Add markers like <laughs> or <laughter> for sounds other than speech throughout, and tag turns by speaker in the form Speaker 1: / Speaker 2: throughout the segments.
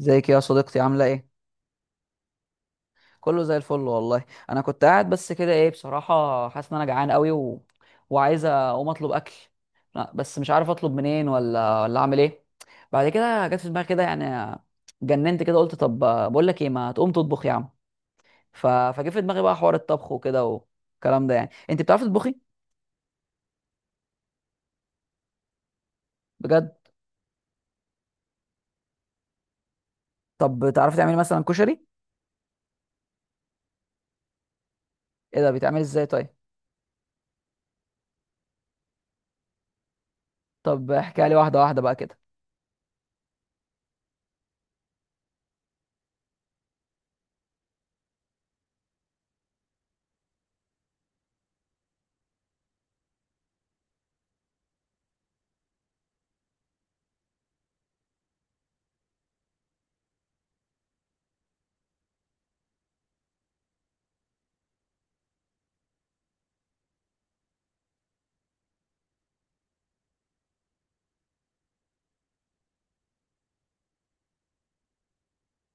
Speaker 1: ازيك يا صديقتي، عامله ايه؟ كله زي الفل والله. انا كنت قاعد بس كده، ايه بصراحه، حاسس ان انا جعان قوي وعايز اقوم اطلب اكل. لا بس مش عارف اطلب منين ولا اعمل ايه. بعد كده جت في دماغي كده يعني، جننت كده قلت طب، بقول لك ايه، ما تقوم تطبخ يا عم. فجه في دماغي بقى حوار الطبخ وكده والكلام ده، يعني انت بتعرفي تطبخي؟ بجد؟ طب بتعرفي تعملي مثلا كشري؟ ايه ده، بيتعمل ازاي طيب؟ طب احكي لي واحده واحده بقى كده.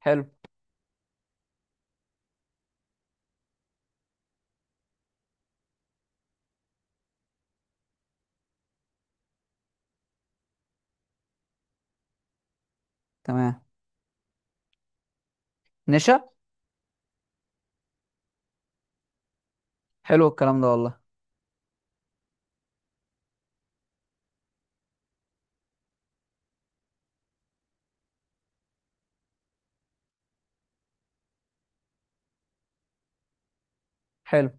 Speaker 1: حلو. تمام. نشا. حلو الكلام ده والله. حلو.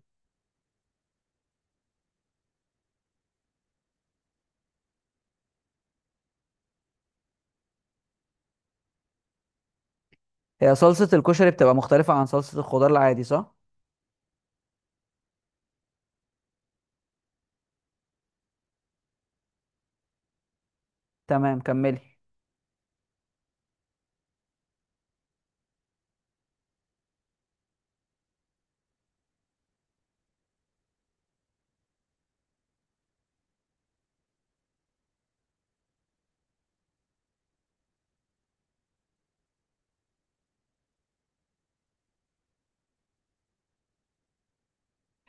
Speaker 1: هي صلصة الكشري بتبقى مختلفة عن صلصة الخضار العادي صح؟ تمام كملي.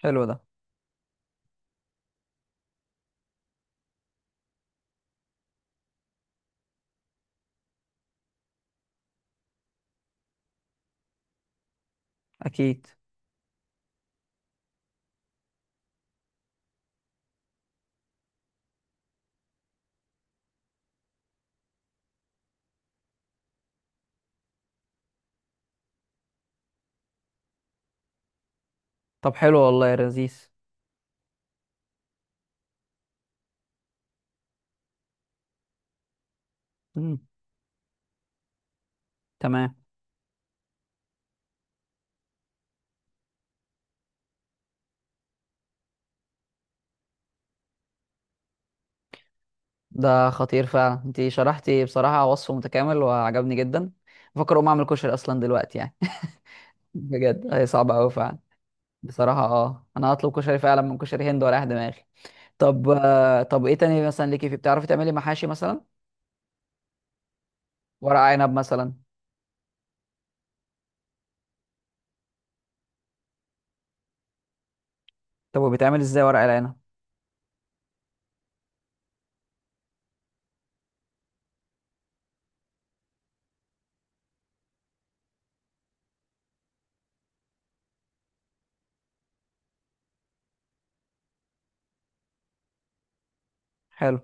Speaker 1: حلو ده. أكيد. طب حلو والله يا لذيذ. مم. تمام. ده خطير فعلا، انتي شرحتي بصراحة وصف متكامل وعجبني جدا. بفكر أقوم أعمل كشري أصلا دلوقتي يعني. <laughs> بجد هي صعبة أوي فعلا. بصراحة اه، أنا هطلب كشري فعلا من كشري هند ورايح دماغي. طب طب إيه تاني مثلا ليكي، في بتعرفي تعملي محاشي مثلا؟ ورق عنب مثلا. طب وبيتعمل إزاي ورق العنب؟ حلو.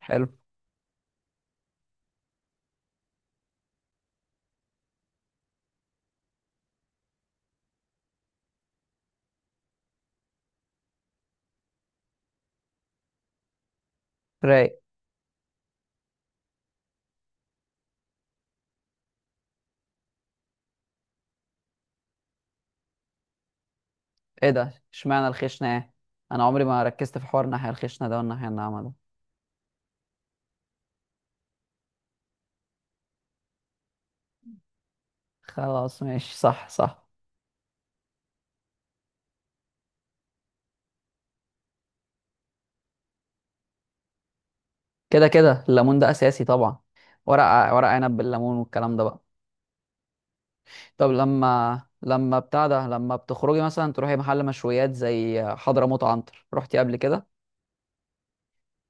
Speaker 1: حلو. رايق. ايه ده، اشمعنى الخشنة ايه؟ انا عمري ما ركزت في حوار الناحية الخشنة ده والناحية الناعمة ده. خلاص ماشي، صح صح. كده كده الليمون ده اساسي طبعا. ورق عنب بالليمون والكلام ده بقى. طب لما بتاع ده، لما بتخرجي مثلا تروحي محل مشويات زي حضرموت عنتر، رحتي قبل كده؟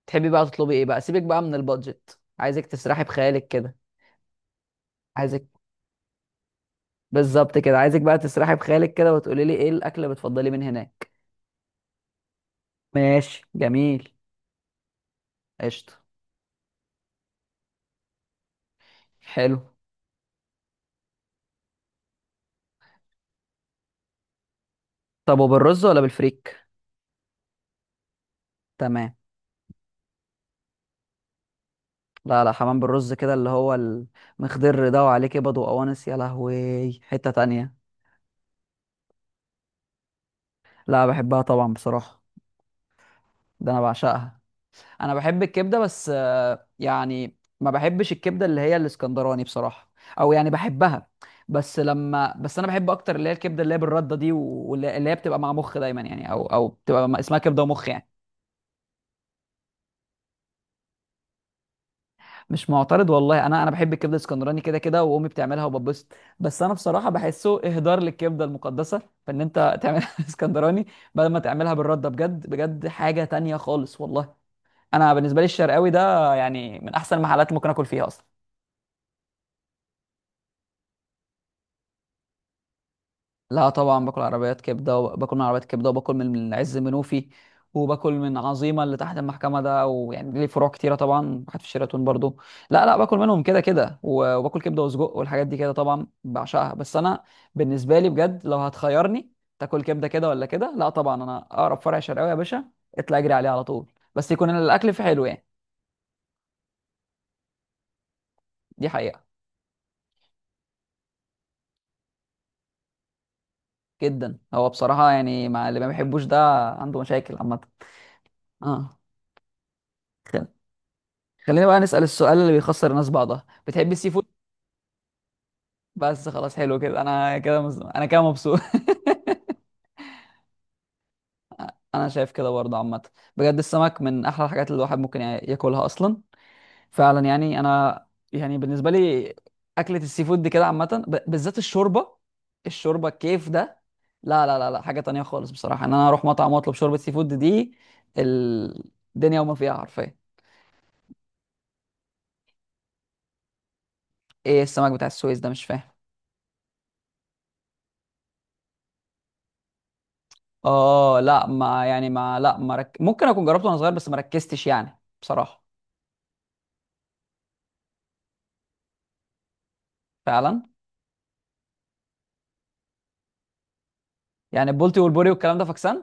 Speaker 1: تحبي بقى تطلبي ايه بقى، سيبك بقى من البادجت، عايزك تسرحي بخيالك كده. عايزك، بالظبط كده، عايزك بقى تسرحي بخيالك كده وتقولي لي ايه الاكل اللي بتفضلي من هناك. ماشي جميل. قشطة. حلو. طب وبالرز ولا بالفريك؟ تمام. لا لا، حمام بالرز كده، اللي هو المخضر ده وعليه كبد وقوانص، يا لهوي، حتة تانية. لا، بحبها طبعا بصراحة. ده انا بعشقها. انا بحب الكبدة بس، يعني ما بحبش الكبدة اللي هي الاسكندراني بصراحة. او يعني بحبها. بس انا بحب اكتر اللي هي الكبدة اللي هي بالردة دي، واللي هي بتبقى مع مخ دايما يعني، او بتبقى اسمها كبدة ومخ يعني. مش معترض والله، انا بحب الكبده الاسكندراني كده كده، وامي بتعملها وببسط. بس انا بصراحه بحسه اهدار للكبده المقدسه. فان انت تعملها <laughs> اسكندراني بدل ما تعملها بالرده، بجد بجد حاجه تانية خالص والله. انا بالنسبه لي الشرقاوي ده يعني من احسن المحلات اللي ممكن اكل فيها اصلا. لا طبعا، باكل عربيات كبده وباكل من عربيات كبده وباكل من عز منوفي، وباكل من عظيمه اللي تحت المحكمه ده، ويعني ليه فروع كتيره طبعا، واحد في شيراتون برضو. لا لا باكل منهم كده كده، وباكل كبده وسجق والحاجات دي كده طبعا بعشقها. بس انا بالنسبه لي بجد، لو هتخيرني تاكل كبده كده ولا كده، لا طبعا، انا اقرب فرع شرقاوي يا باشا اطلع اجري عليه على طول، بس يكون الاكل فيه حلو يعني. دي حقيقه. جدا، هو بصراحه يعني مع اللي ما بيحبوش ده عنده مشاكل عامه. اه. خلينا بقى نسأل السؤال اللي بيخسر الناس بعضها، بتحب السي فود؟ بس خلاص حلو كده، انا كده مبسوط. <laughs> انا شايف كده برضه عامه، بجد السمك من احلى الحاجات اللي الواحد ممكن ياكلها اصلا. فعلا يعني انا، يعني بالنسبه لي اكله السي فود دي كده عامه، بالذات الشوربه، الشوربه الكيف ده، لا لا لا لا، حاجه تانية خالص بصراحه ان انا اروح مطعم واطلب شوربه سي فود دي، الدنيا وما فيها حرفيا. ايه السمك بتاع السويس ده، مش فاهم. اه لا، ما يعني ما لا ما رك... ممكن اكون جربته وانا صغير بس ما ركزتش يعني بصراحه. فعلا. يعني البولتي والبوري والكلام ده فاكسان.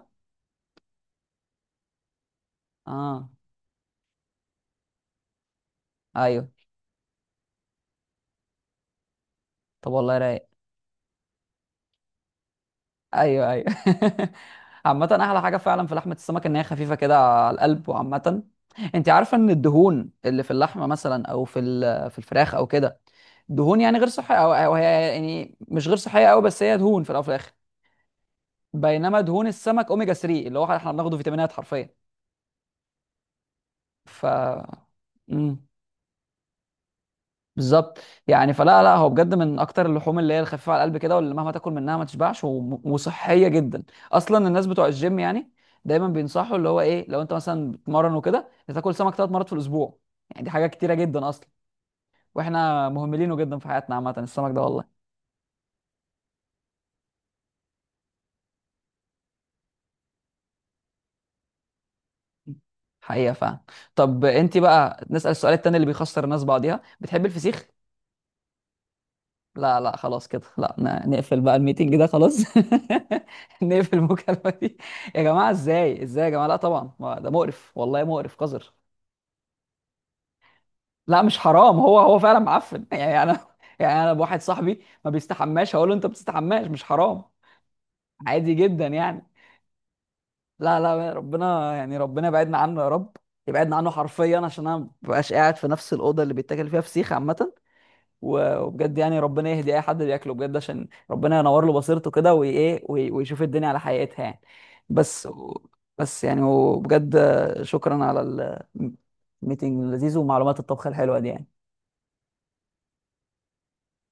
Speaker 1: اه ايوه. طب والله رايق. ايوه ايوه. <laughs> عامه احلى حاجه فعلا في لحمه السمك ان هي خفيفه كده على القلب وعامه. انت عارفه ان الدهون اللي في اللحمه مثلا او في في الفراخ او كده، دهون يعني غير صحيه، او هي يعني مش غير صحيه قوي، بس هي دهون في الاول وفي الاخر. بينما دهون السمك اوميجا 3 اللي هو احنا بناخده فيتامينات حرفيا. ف مم. بالظبط. يعني فلا لا هو بجد من اكتر اللحوم اللي هي الخفيفه على القلب كده، واللي مهما تاكل منها ما تشبعش، وصحيه جدا اصلا. الناس بتوع الجيم يعني دايما بينصحوا اللي هو ايه، لو انت مثلا بتمرن وكده تاكل سمك 3 مرات في الاسبوع، يعني دي حاجه كتيره جدا اصلا. واحنا مهملينه جدا في حياتنا عامه السمك ده والله. حقيقه فعلا. طب انت بقى نسال السؤال التاني اللي بيخسر الناس بعضيها، بتحب الفسيخ؟ لا لا خلاص كده، لا نقفل بقى الميتنج ده خلاص. <laughs> نقفل المكالمة دي. يا جماعة ازاي، ازاي يا جماعة، لا طبعا ما ده مقرف والله، مقرف قذر. لا مش حرام، هو فعلا معفن. <laughs> يعني انا، بواحد صاحبي ما بيستحماش هقول له انت بتستحماش مش حرام؟ عادي جدا يعني. لا لا ربنا يعني، ربنا يبعدنا عنه يا رب. يبعدنا عنه حرفيا عشان انا ما ببقاش قاعد في نفس الأوضة اللي بيتاكل فيها فسيخ عامة. وبجد يعني ربنا يهدي اي حد بياكله بجد عشان ربنا ينور له بصيرته كده وايه، ويشوف الدنيا على حقيقتها يعني. بس بس يعني وبجد، شكرا على الميتنج اللذيذ ومعلومات الطبخ الحلوة دي يعني.